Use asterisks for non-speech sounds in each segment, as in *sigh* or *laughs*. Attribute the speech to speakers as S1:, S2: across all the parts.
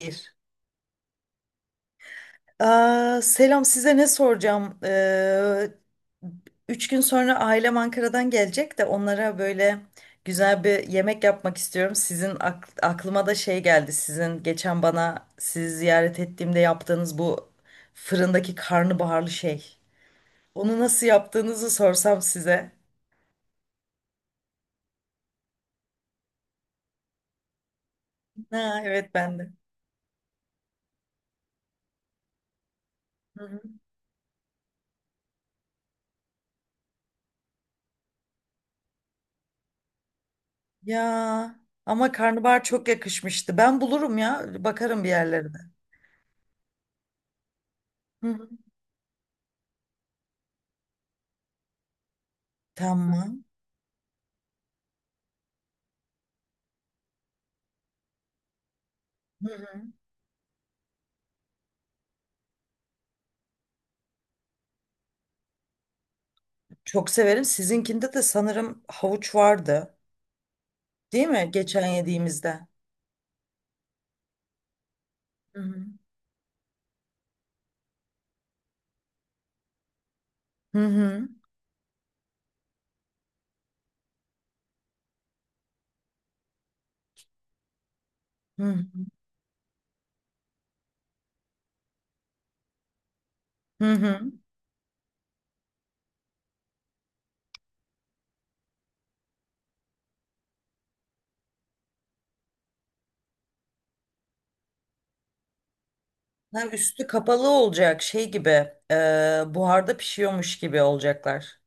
S1: Bir. Aa, selam size ne soracağım? 3 gün sonra ailem Ankara'dan gelecek de onlara böyle güzel bir yemek yapmak istiyorum. Sizin aklıma da şey geldi. Sizin geçen bana sizi ziyaret ettiğimde yaptığınız bu fırındaki karnabaharlı şey. Onu nasıl yaptığınızı sorsam size. Ha, evet ben de. Hı hı. Ya, ama karnabahar çok yakışmıştı. Ben bulurum ya, bakarım bir yerlerde. Hı hı. Tamam. Hı hı. Çok severim. Sizinkinde de sanırım havuç vardı. Değil mi? Geçen yediğimizde. Hı hı. Hı hı. Hı hı. Hı hı. Ha, üstü kapalı olacak şey gibi. e, Buharda pişiyormuş gibi olacaklar.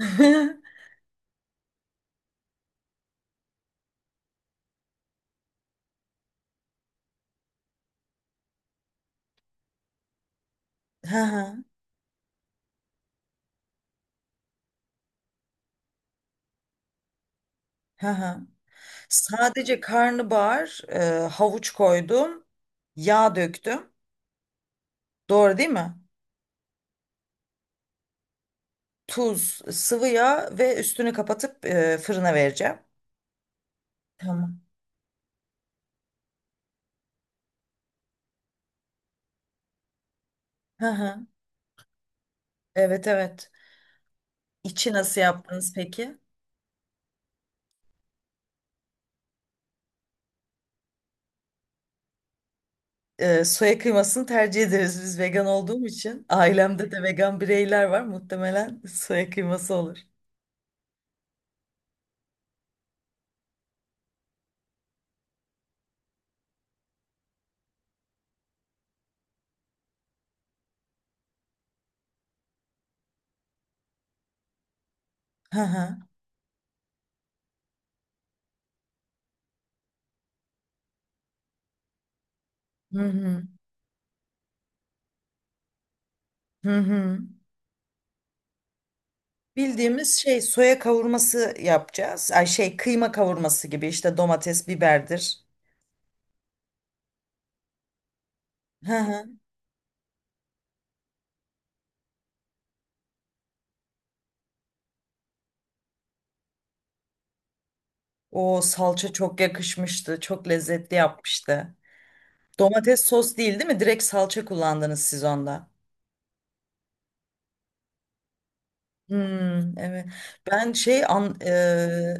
S1: *laughs* Hı hı. Hı hı. Sadece karnabahar, havuç koydum. Yağ döktüm. Doğru değil mi? Tuz, sıvı yağ ve üstünü kapatıp fırına vereceğim. Tamam. Hı hı. Evet, evet. İçi nasıl yaptınız peki? Soya kıymasını tercih ederiz biz vegan olduğum için. Ailemde de vegan bireyler var. Muhtemelen soya kıyması olur. Hı hı. Hı hı. Hı hı. Bildiğimiz şey soya kavurması yapacağız. Ay şey kıyma kavurması gibi işte domates, biberdir. Hı hı. O salça çok yakışmıştı. Çok lezzetli yapmıştı. Domates sos değil değil mi? Direkt salça kullandınız siz onda. Hmm, evet. Ben şey an,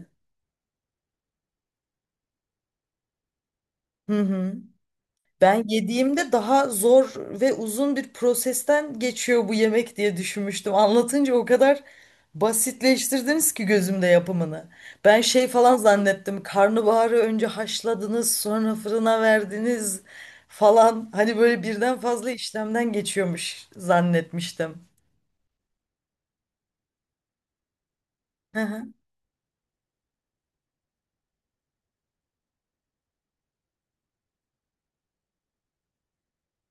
S1: hı hı. Ben yediğimde daha zor ve uzun bir prosesten geçiyor bu yemek diye düşünmüştüm. Anlatınca o kadar basitleştirdiniz ki gözümde yapımını. Ben şey falan zannettim. Karnabaharı önce haşladınız, sonra fırına verdiniz falan. Hani böyle birden fazla işlemden geçiyormuş zannetmiştim. Hı hı.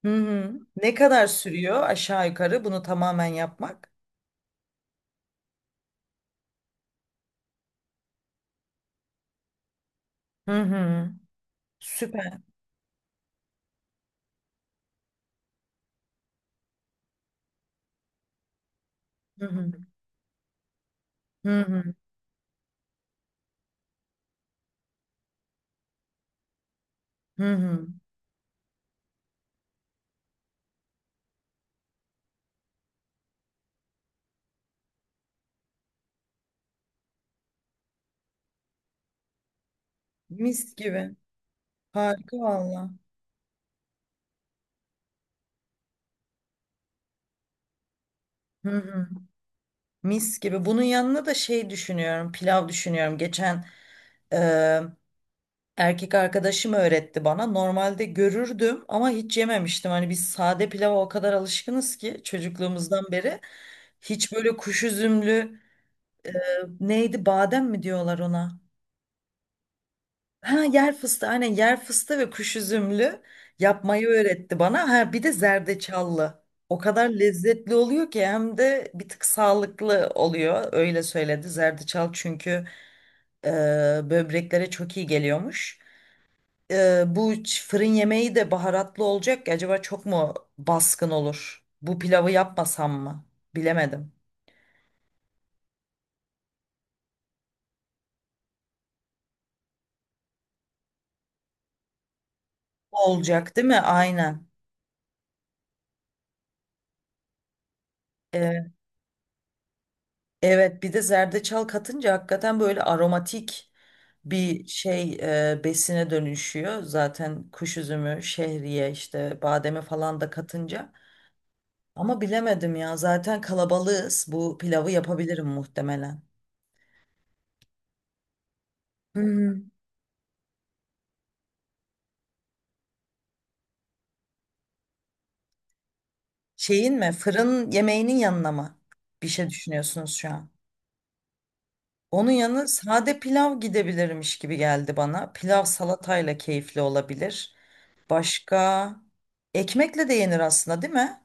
S1: Hı hı. Ne kadar sürüyor aşağı yukarı bunu tamamen yapmak? Hı hı. Süper. Hı hı. Hı hı. Hı hı. Mis gibi. Harika valla. Hı hı. Mis gibi. Bunun yanına da şey düşünüyorum, pilav düşünüyorum. Geçen e, erkek arkadaşım öğretti bana. Normalde görürdüm ama hiç yememiştim. Hani biz sade pilava o kadar alışkınız ki çocukluğumuzdan beri. Hiç böyle kuş üzümlü e, neydi, badem mi diyorlar ona? Ha, yer fıstığı, aynen, yer fıstığı ve kuş üzümlü yapmayı öğretti bana. Ha bir de zerdeçallı. O kadar lezzetli oluyor ki hem de bir tık sağlıklı oluyor. Öyle söyledi. Zerdeçal çünkü e, böbreklere çok iyi geliyormuş. Bu fırın yemeği de baharatlı olacak. Ya, acaba çok mu baskın olur? Bu pilavı yapmasam mı? Bilemedim. Olacak, değil mi? Aynen. Evet, bir de zerdeçal katınca hakikaten böyle aromatik bir şey besine dönüşüyor. Zaten kuş üzümü, şehriye, işte bademe falan da katınca. Ama bilemedim ya, zaten kalabalığız. Bu pilavı yapabilirim muhtemelen. Hmm. Şeyin mi, fırın yemeğinin yanına mı bir şey düşünüyorsunuz şu an? Onun yanı sade pilav gidebilirmiş gibi geldi bana. Pilav salatayla keyifli olabilir. Başka ekmekle de yenir aslında, değil mi?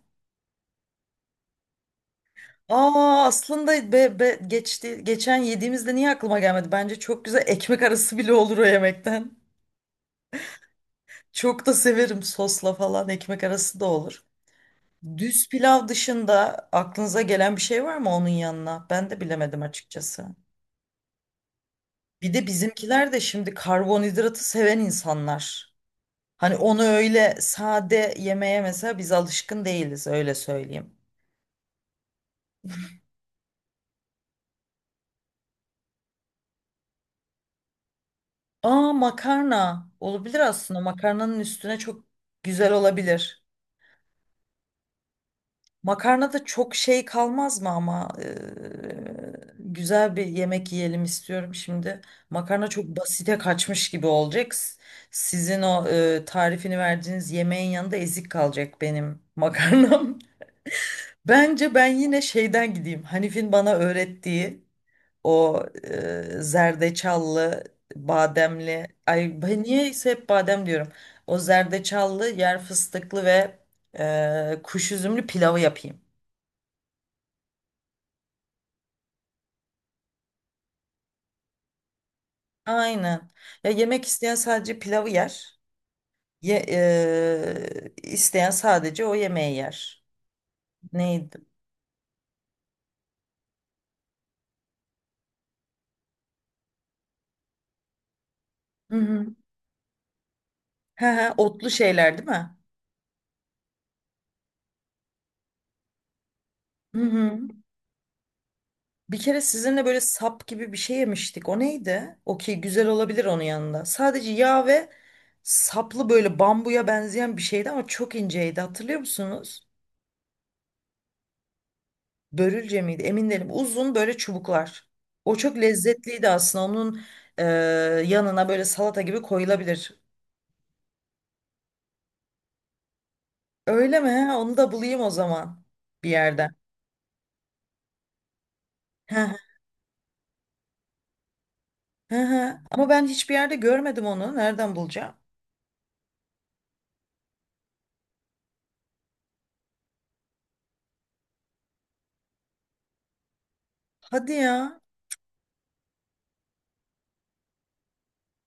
S1: Aa, aslında geçti, geçen yediğimizde niye aklıma gelmedi? Bence çok güzel ekmek arası bile olur o yemekten. Çok da severim, sosla falan ekmek arası da olur. Düz pilav dışında aklınıza gelen bir şey var mı onun yanına? Ben de bilemedim açıkçası. Bir de bizimkiler de şimdi karbonhidratı seven insanlar. Hani onu öyle sade yemeye mesela biz alışkın değiliz, öyle söyleyeyim. Aa, makarna olabilir aslında, makarnanın üstüne çok güzel olabilir. Makarnada çok şey kalmaz mı ama? Güzel bir yemek yiyelim istiyorum şimdi. Makarna çok basite kaçmış gibi olacak. Sizin o tarifini verdiğiniz yemeğin yanında ezik kalacak benim makarnam. *laughs* Bence ben yine şeyden gideyim. Hanif'in bana öğrettiği o zerdeçallı, bademli. Ay, ben niyeyse hep badem diyorum. O zerdeçallı, yer fıstıklı ve kuş üzümlü pilavı yapayım. Aynen. Ya, yemek isteyen sadece pilavı yer. Ye, isteyen sadece o yemeği yer. Neydi? Hı hı. He he, otlu şeyler değil mi? Hı hı. Bir kere sizinle böyle sap gibi bir şey yemiştik. O neydi? Okey, güzel olabilir onun yanında. Sadece yağ ve saplı, böyle bambuya benzeyen bir şeydi ama çok inceydi. Hatırlıyor musunuz? Börülce miydi? Emin değilim. Uzun böyle çubuklar. O çok lezzetliydi aslında. Onun e, yanına böyle salata gibi koyulabilir. Öyle mi? Ha, onu da bulayım o zaman bir yerden. Hı hı, hı hı. Ama ben hiçbir yerde görmedim onu. Nereden bulacağım? Hadi ya.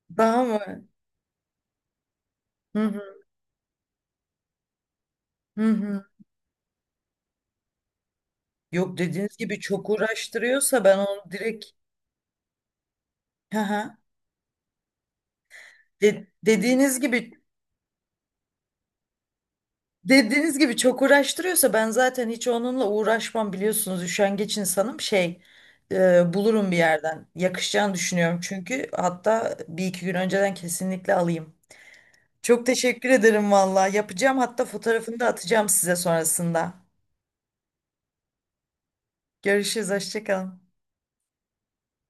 S1: Daha mı? Hı hı, hı hı. Yok, dediğiniz gibi çok uğraştırıyorsa ben onu direkt, hı hı. De- dediğiniz gibi dediğiniz gibi çok uğraştırıyorsa ben zaten hiç onunla uğraşmam, biliyorsunuz üşengeç insanım, şey, bulurum bir yerden, yakışacağını düşünüyorum çünkü, hatta bir iki gün önceden kesinlikle alayım. Çok teşekkür ederim valla. Yapacağım, hatta fotoğrafını da atacağım size sonrasında. Görüşürüz. Hoşça kalın.